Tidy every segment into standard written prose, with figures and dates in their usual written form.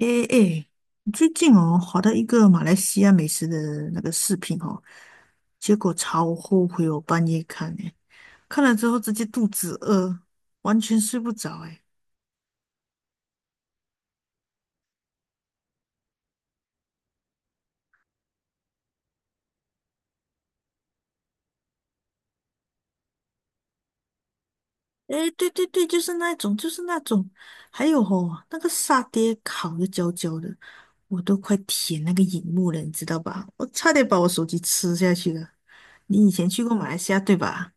诶诶，最近哦，滑到一个马来西亚美食的那个视频哦，结果超后悔我半夜看诶，看了之后直接肚子饿，完全睡不着诶。诶，对对对，就是那种，还有哦，那个沙爹烤的焦焦的，我都快舔那个荧幕了，你知道吧？我差点把我手机吃下去了。你以前去过马来西亚对吧？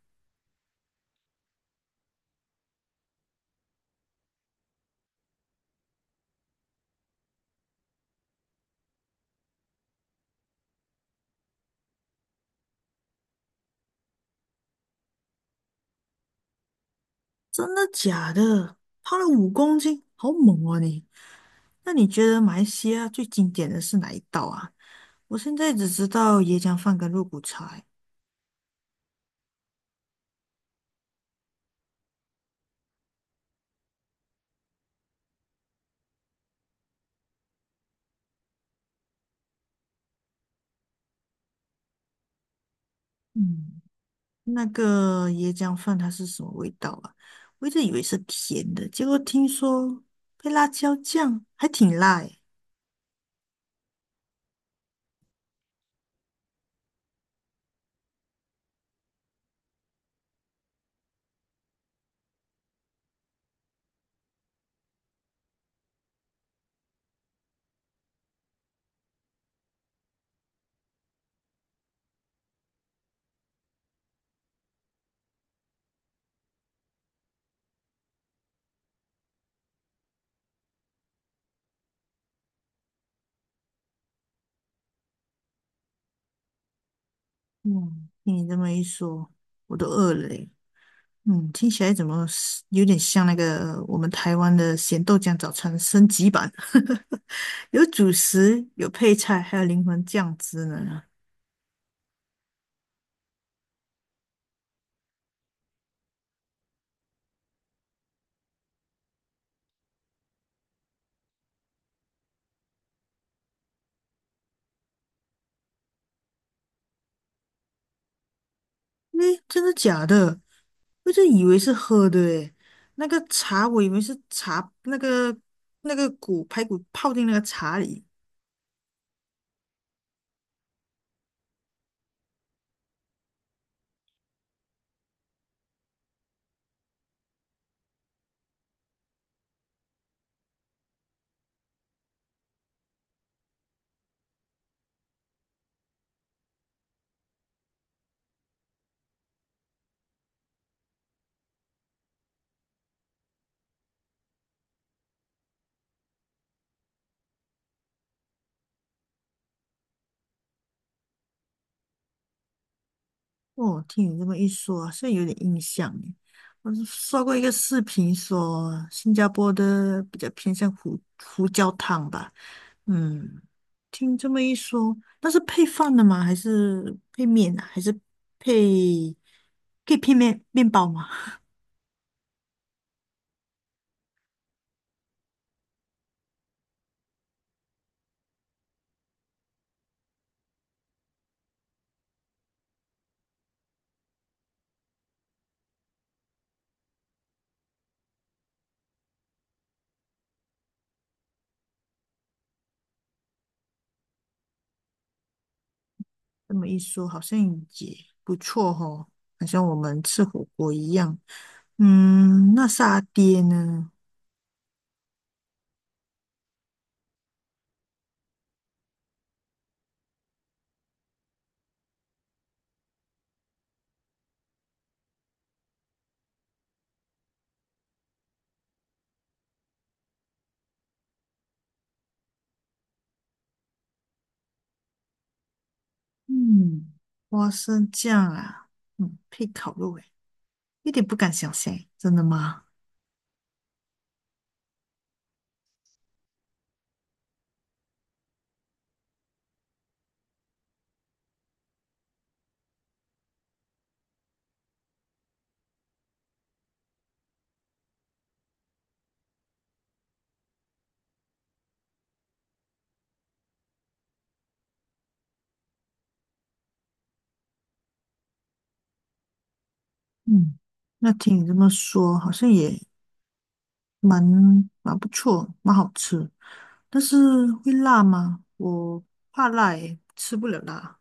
真的假的？胖了5公斤，好猛啊你！那你觉得马来西亚最经典的是哪一道啊？我现在只知道椰浆饭跟肉骨茶欸。嗯，那个椰浆饭它是什么味道啊？我一直以为是甜的，结果听说配辣椒酱还挺辣诶。嗯，听你这么一说，我都饿了诶。嗯，听起来怎么是有点像那个我们台湾的咸豆浆早餐升级版，有主食，有配菜，还有灵魂酱汁呢。诶，真的假的？我就以为是喝的诶，那个茶我以为是茶，那个排骨泡进那个茶里。哦，听你这么一说，现在有点印象诶。我是刷过一个视频说，新加坡的比较偏向胡椒汤吧。嗯，听这么一说，那是配饭的吗？还是配面啊？还是配可以配面包吗？这么一说，好像也不错哦，好像我们吃火锅一样。嗯，那沙爹呢？嗯，花生酱啊，嗯，配烤肉，诶，一点不敢想象诶，真的吗？嗯，那听你这么说，好像也蛮蛮不错，蛮好吃。但是会辣吗？我怕辣，诶，吃不了辣。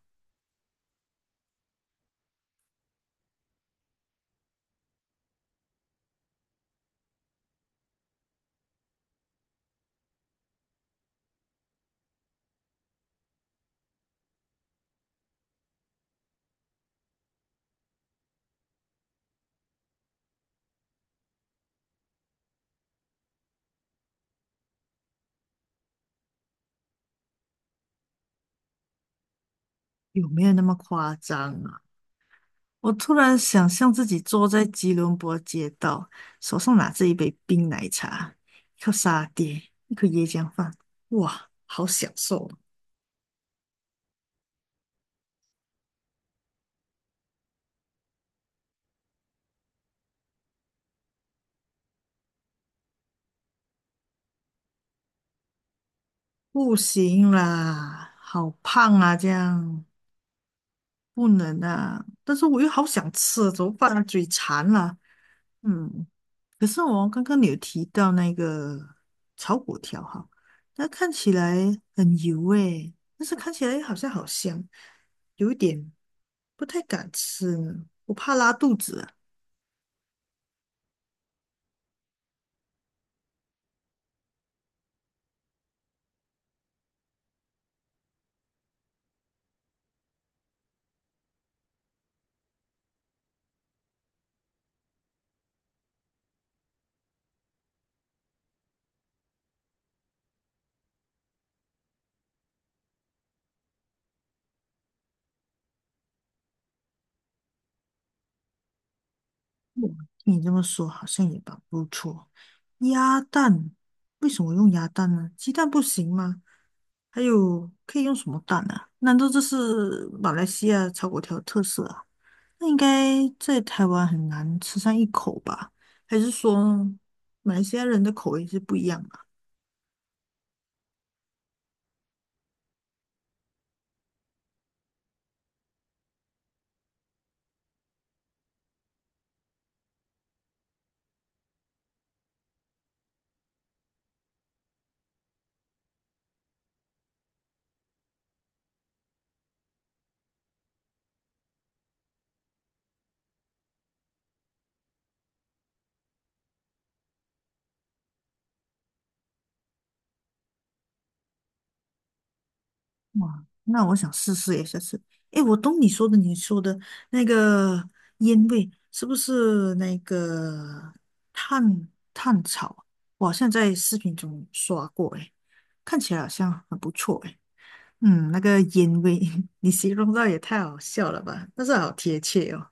有没有那么夸张啊？我突然想象自己坐在吉隆坡街道，手上拿着一杯冰奶茶，一口沙爹，一口椰浆饭，哇，好享受哦！不行啦，好胖啊，这样。不能啊！但是我又好想吃，怎么办啊？嘴馋了。嗯，可是我刚刚你有提到那个炒粿条哈，它看起来很油诶，但是看起来好像好香，有一点不太敢吃呢，我怕拉肚子啊。哇，听你这么说，好像也蛮不错。鸭蛋，为什么用鸭蛋呢？鸡蛋不行吗？还有可以用什么蛋啊？难道这是马来西亚炒粿条的特色啊？那应该在台湾很难吃上一口吧？还是说马来西亚人的口味是不一样的？哇，那我想试试耶，下次。诶，我懂你说的，那个烟味是不是那个炭炭草？我好像在视频中刷过，诶，看起来好像很不错，诶。嗯，那个烟味，你形容到也太好笑了吧？但是好贴切哦。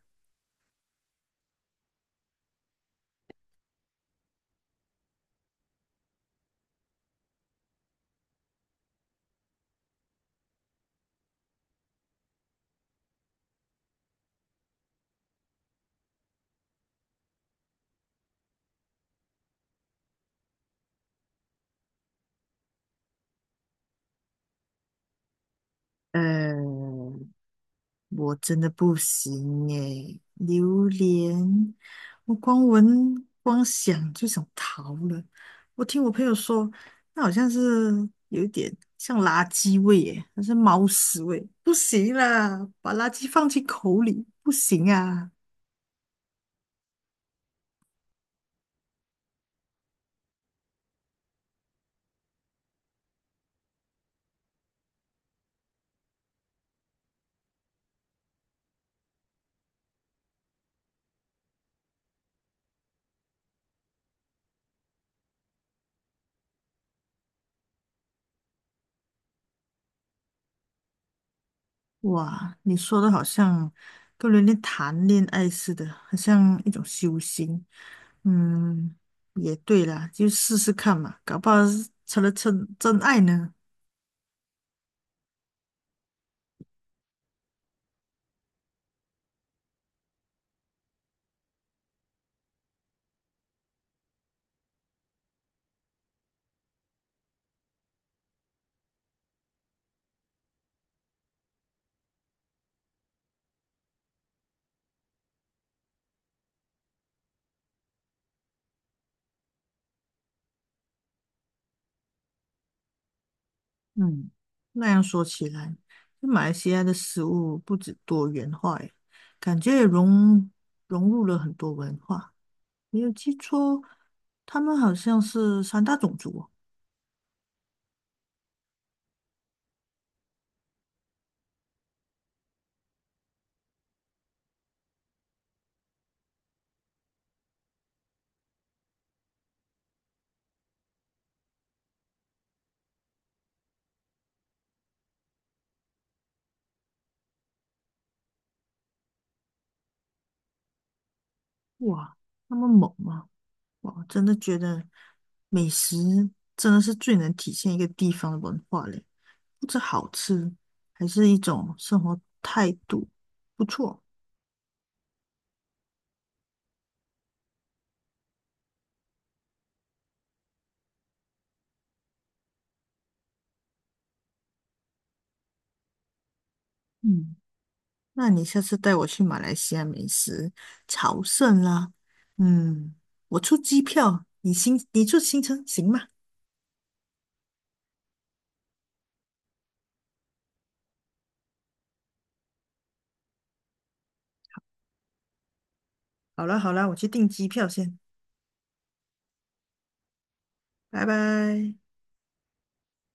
呃，我真的不行耶，榴莲，我光闻光想就想逃了。我听我朋友说，那好像是有一点像垃圾味耶，还是猫屎味，不行啦，把垃圾放进口里不行啊！哇，你说的好像跟人家谈恋爱似的，好像一种修行。嗯，也对啦，就试试看嘛，搞不好是成了真爱呢。嗯，那样说起来，就马来西亚的食物不止多元化耶，感觉也融入了很多文化。没有记错，他们好像是三大种族哦。哇，那么猛吗？哇，真的觉得美食真的是最能体现一个地方的文化嘞，不止好吃，还是一种生活态度，不错。嗯。那你下次带我去马来西亚美食朝圣啦。嗯，我出机票，你出行程行吗？好啦好啦，我去订机票先，拜拜。